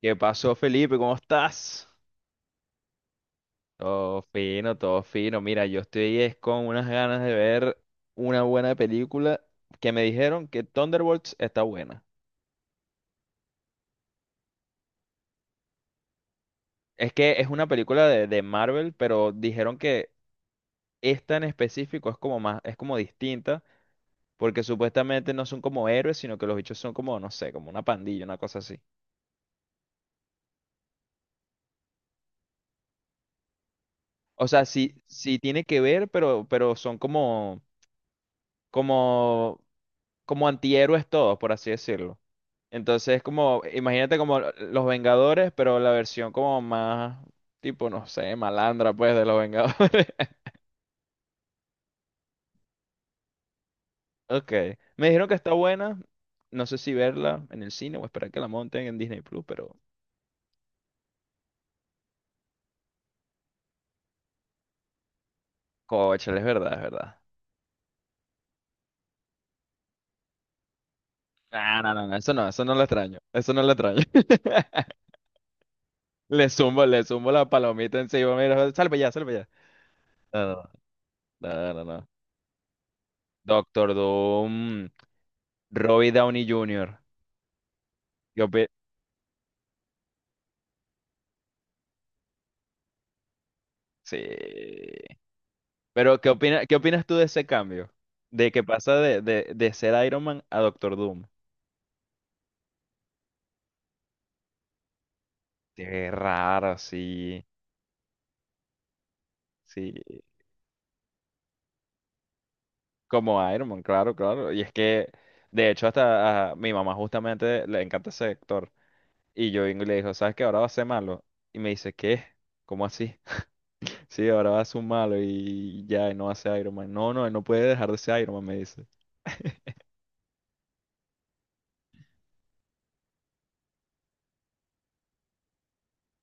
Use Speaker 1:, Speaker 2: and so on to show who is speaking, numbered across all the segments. Speaker 1: ¿Qué pasó, Felipe? ¿Cómo estás? Todo fino, todo fino. Mira, yo estoy es con unas ganas de ver una buena película que me dijeron que Thunderbolts está buena. Es que es una película de Marvel, pero dijeron que esta en específico es como más, es como distinta, porque supuestamente no son como héroes, sino que los bichos son como, no sé, como una pandilla, una cosa así. O sea, sí, sí tiene que ver, pero son como, como como antihéroes todos, por así decirlo. Entonces, como, imagínate como los Vengadores, pero la versión como más, tipo, no sé, malandra, pues, de los Vengadores. Ok. Me dijeron que está buena. No sé si verla en el cine o esperar que la monten en Disney Plus, pero. Cóchale, es verdad, es verdad. Ah, no, no, no, eso no, eso no lo extraño. Eso no lo extraño. Le zumbo la palomita encima. Mira, salve ya, salve ya. No, no, no, no, no. No. Doctor Doom, Robbie Downey Jr. Sí. Pero, ¿qué opinas tú de ese cambio? De que pasa de ser Iron Man a Doctor Doom. Qué raro, sí. Sí. Como Iron Man, claro, claro. Y es que, de hecho, hasta a mi mamá justamente le encanta ese actor. Y yo vengo y le digo, ¿sabes qué? Ahora va a ser malo. Y me dice, ¿qué? ¿Cómo así? Sí, ahora va a ser un malo y ya, y no va a ser Iron Man. No, no, él no puede dejar de ser Iron Man, me dice.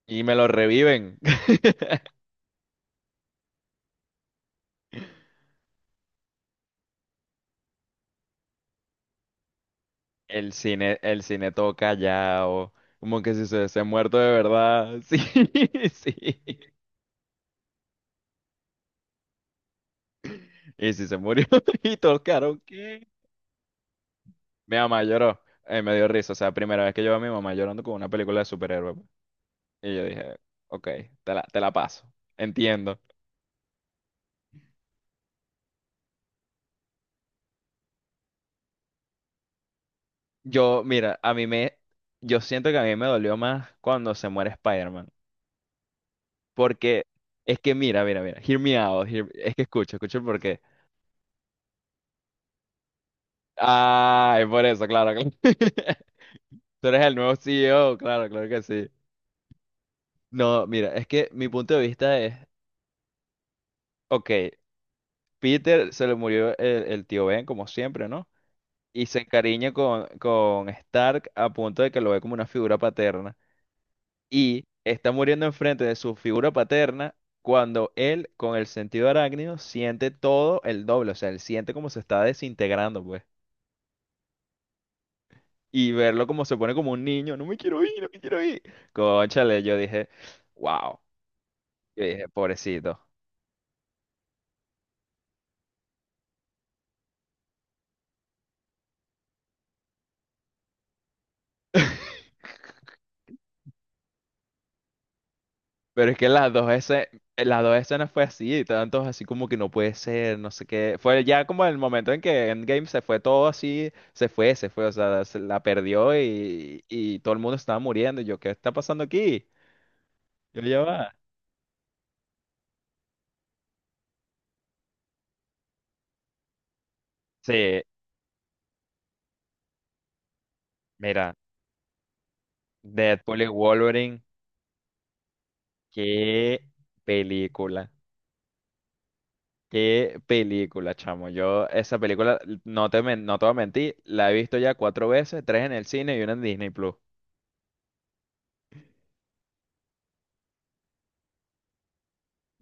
Speaker 1: Y me lo reviven. El cine todo callado, como que si se hubiese muerto de verdad. Sí, sí. Y si se murió y tocaron, ¿qué? Mi mamá lloró, me dio risa. O sea, primera vez que yo veo a mi mamá llorando con una película de superhéroes, pues. Y yo dije, ok, te la paso. Entiendo. Yo, mira, a mí me, yo siento que a mí me dolió más cuando se muere Spider-Man. Porque es que, mira, mira, mira, hear me out, es que escucho, escucho porque. Ay, por eso, claro. Claro. Tú eres el nuevo CEO, claro, claro que sí. No, mira, es que mi punto de vista es, ok, Peter se le murió el tío Ben, como siempre, ¿no? Y se encariña con Stark a punto de que lo ve como una figura paterna. Y está muriendo enfrente de su figura paterna cuando él, con el sentido arácnido, siente todo el doble. O sea, él siente como se está desintegrando, pues. Y verlo como se pone como un niño, no me quiero ir, no me quiero ir. Cónchale, yo dije, wow. Yo dije, pobrecito. Pero es que las dos escenas fue así, y tantos así como que no puede ser, no sé qué. Fue ya como el momento en que Endgame se fue todo así, se fue, o sea, se la perdió y todo el mundo estaba muriendo. Y yo, ¿qué está pasando aquí? Yo ya va. Sí, mira, Deadpool y Wolverine, qué película, qué película, chamo. Yo esa película, no te, no te voy a mentir, la he visto ya cuatro veces, tres en el cine y una en Disney Plus.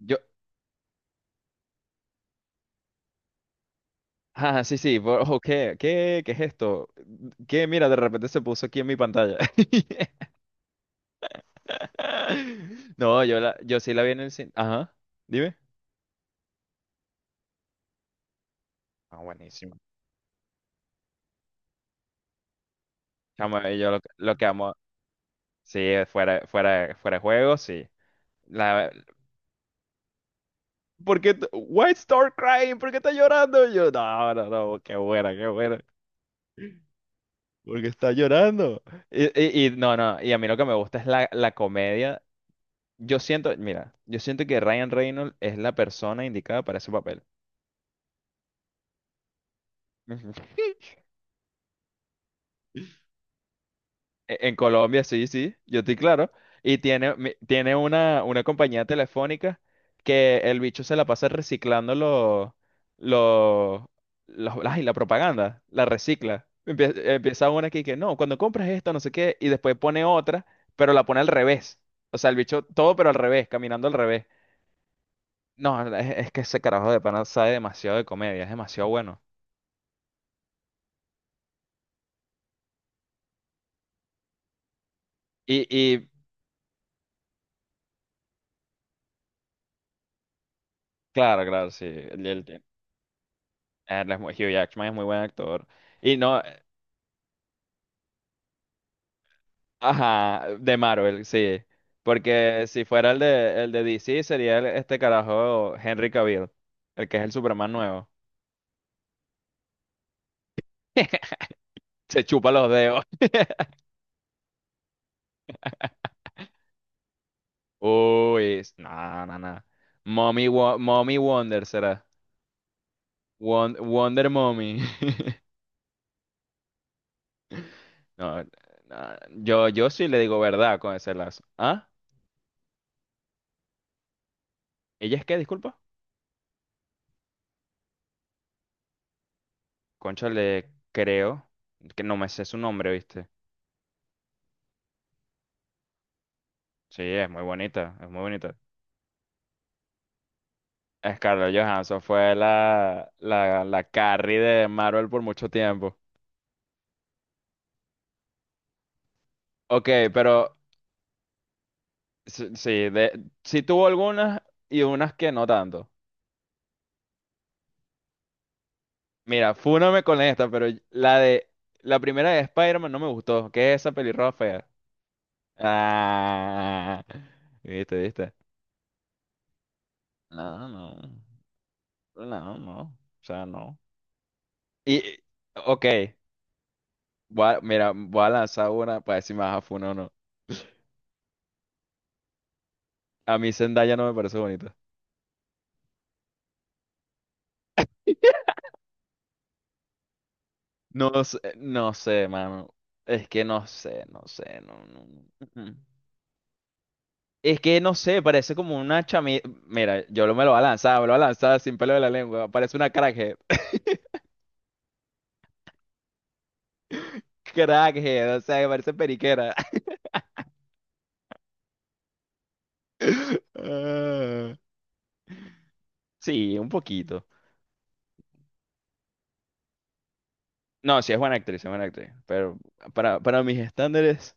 Speaker 1: Yo Ah, sí, sí, ojo, ¿qué? ¿Qué? ¿Qué es esto? ¿Qué? Mira, de repente se puso aquí en mi pantalla. No, yo la, yo sí la vi en el cine. Ajá, dime. Ah, buenísimo. Chamo, yo lo, lo que amo, sí, fuera, fuera, fuera de juego, sí. La, ¿por qué? Why start crying? ¿Por qué está llorando? Y yo, no, no, no, qué buena, qué buena. Porque está llorando. Y no, no, y a mí lo que me gusta es la, la comedia. Yo siento, mira, yo siento que Ryan Reynolds es la persona indicada para ese papel. Ujú. En Colombia, sí, sí, yo estoy claro. Y tiene, tiene una compañía telefónica que el bicho se la pasa reciclando los, ay, la propaganda, la recicla. Empieza, una aquí que no, cuando compras esto, no sé qué, y después pone otra, pero la pone al revés. O sea, el bicho todo, pero al revés, caminando al revés. No, es que ese carajo de pana sabe demasiado de comedia, es demasiado bueno. Y claro, claro, sí, él es Hugh Jackman es muy buen actor. Y no, ajá, de Marvel, sí. Porque si fuera el de DC, sería este carajo Henry Cavill, el que es el Superman nuevo. Se chupa los dedos. Uy, no, no, no. Mommy, Mommy Wonder será. Wonder Mommy. No, no, yo sí le digo verdad con ese lazo. ¿Ah? ¿Ella es qué? Disculpa. Concha, le creo que no me sé su nombre, ¿viste? Sí, es muy bonita, es muy bonita. Scarlett Johansson fue la Carrie de Marvel por mucho tiempo. Ok, pero sí, sí, de, sí tuvo algunas y unas que no tanto. Mira, fúname con esta, pero la de la primera de Spider-Man no me gustó, que es esa pelirroja fea. Ah, viste, viste. No, no, no, no, o sea, no. Y, ok, mira, voy a lanzar una para decir más a funo o no. A mí Zendaya no me parece bonita. No sé, no sé, mano. Es que no sé, no sé, no, no, no. Mm. Mm. Es que no sé, parece como una chami... Mira, me lo voy a lanzar, me lo voy a lanzar sin pelo de la lengua. Parece una crackhead. Crackhead, o sea, que parece periquera. Ah, sí, un poquito. No, sí es buena actriz, es buena actriz. Pero para mis estándares,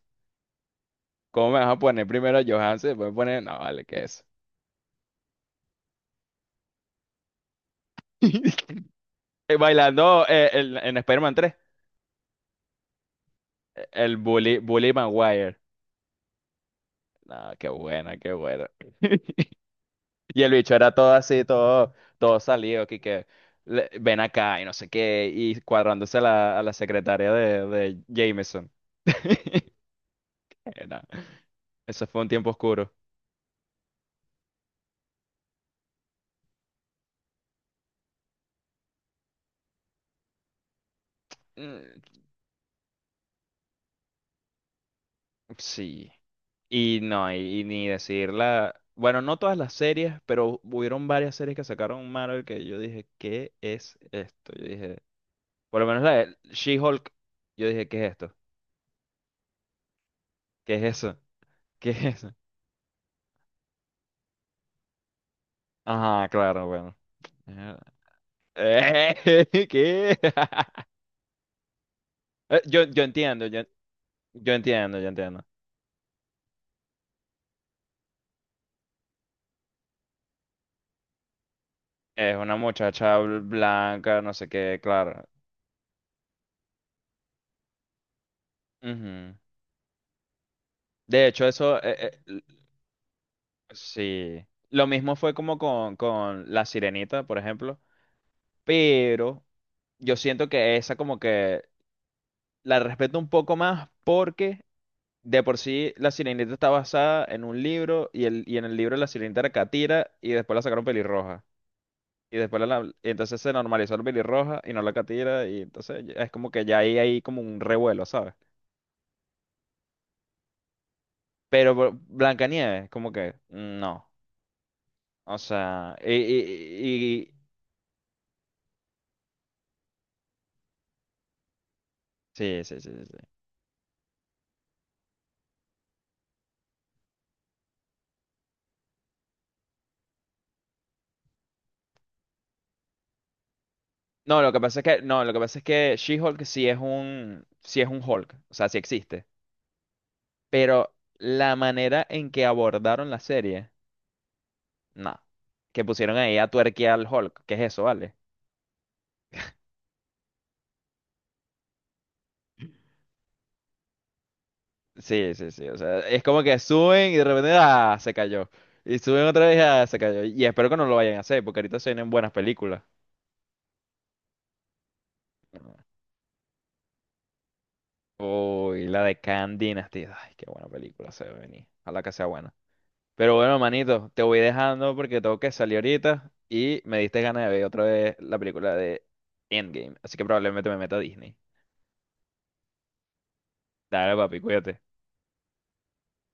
Speaker 1: ¿cómo me vas a poner primero a Johansson? Después me pones, no, vale, ¿qué es? Bailando en Spider-Man 3. El Bully, Bully Maguire. No, qué buena, qué buena. Y el bicho era todo así, todo, todo salido, que ven acá y no sé qué, y cuadrándose a la secretaria de Jameson. Era- Eso fue un tiempo oscuro. Mm. Sí. Y no, y ni decirla. Bueno, no todas las series, pero hubieron varias series que sacaron Marvel que yo dije, ¿qué es esto? Yo dije, por lo menos la de She-Hulk, yo dije, ¿qué es esto? ¿Qué es eso? ¿Qué es eso? Ajá, claro, bueno. ¿Qué? Yo, yo entiendo, yo entiendo, yo entiendo. Es una muchacha blanca, no sé qué, claro. Ujú. De hecho, eso, sí. Lo mismo fue como con La Sirenita, por ejemplo. Pero yo siento que esa como que la respeto un poco más porque de por sí, La Sirenita está basada en un libro y, el, y en el libro La Sirenita era catira y después la sacaron pelirroja. Y después y entonces se normalizó el pelirroja y no la catira y entonces es como que ya ahí hay como un revuelo, ¿sabes? Pero Blancanieves, como que mm, no. O sea, sí, sí, sí, sí, sí. No, lo que pasa es que no, lo que pasa es que She-Hulk sí es un Hulk, o sea, sí existe, pero la manera en que abordaron la serie no. Que pusieron ahí a tuerquear al Hulk. ¿Qué es eso, vale? Sí, sí, sí. O sea, es como que suben y de repente, ah, se cayó. Y suben otra vez, ah, se cayó. Y espero que no lo vayan a hacer, porque ahorita se vienen buenas películas. Uy, la de Khan Dynasty. Ay, qué buena película se ve venir. Ojalá que sea buena. Pero bueno, manito, te voy dejando porque tengo que salir ahorita y me diste ganas de ver otra vez la película de Endgame. Así que probablemente me meta a Disney. Dale, papi, cuídate.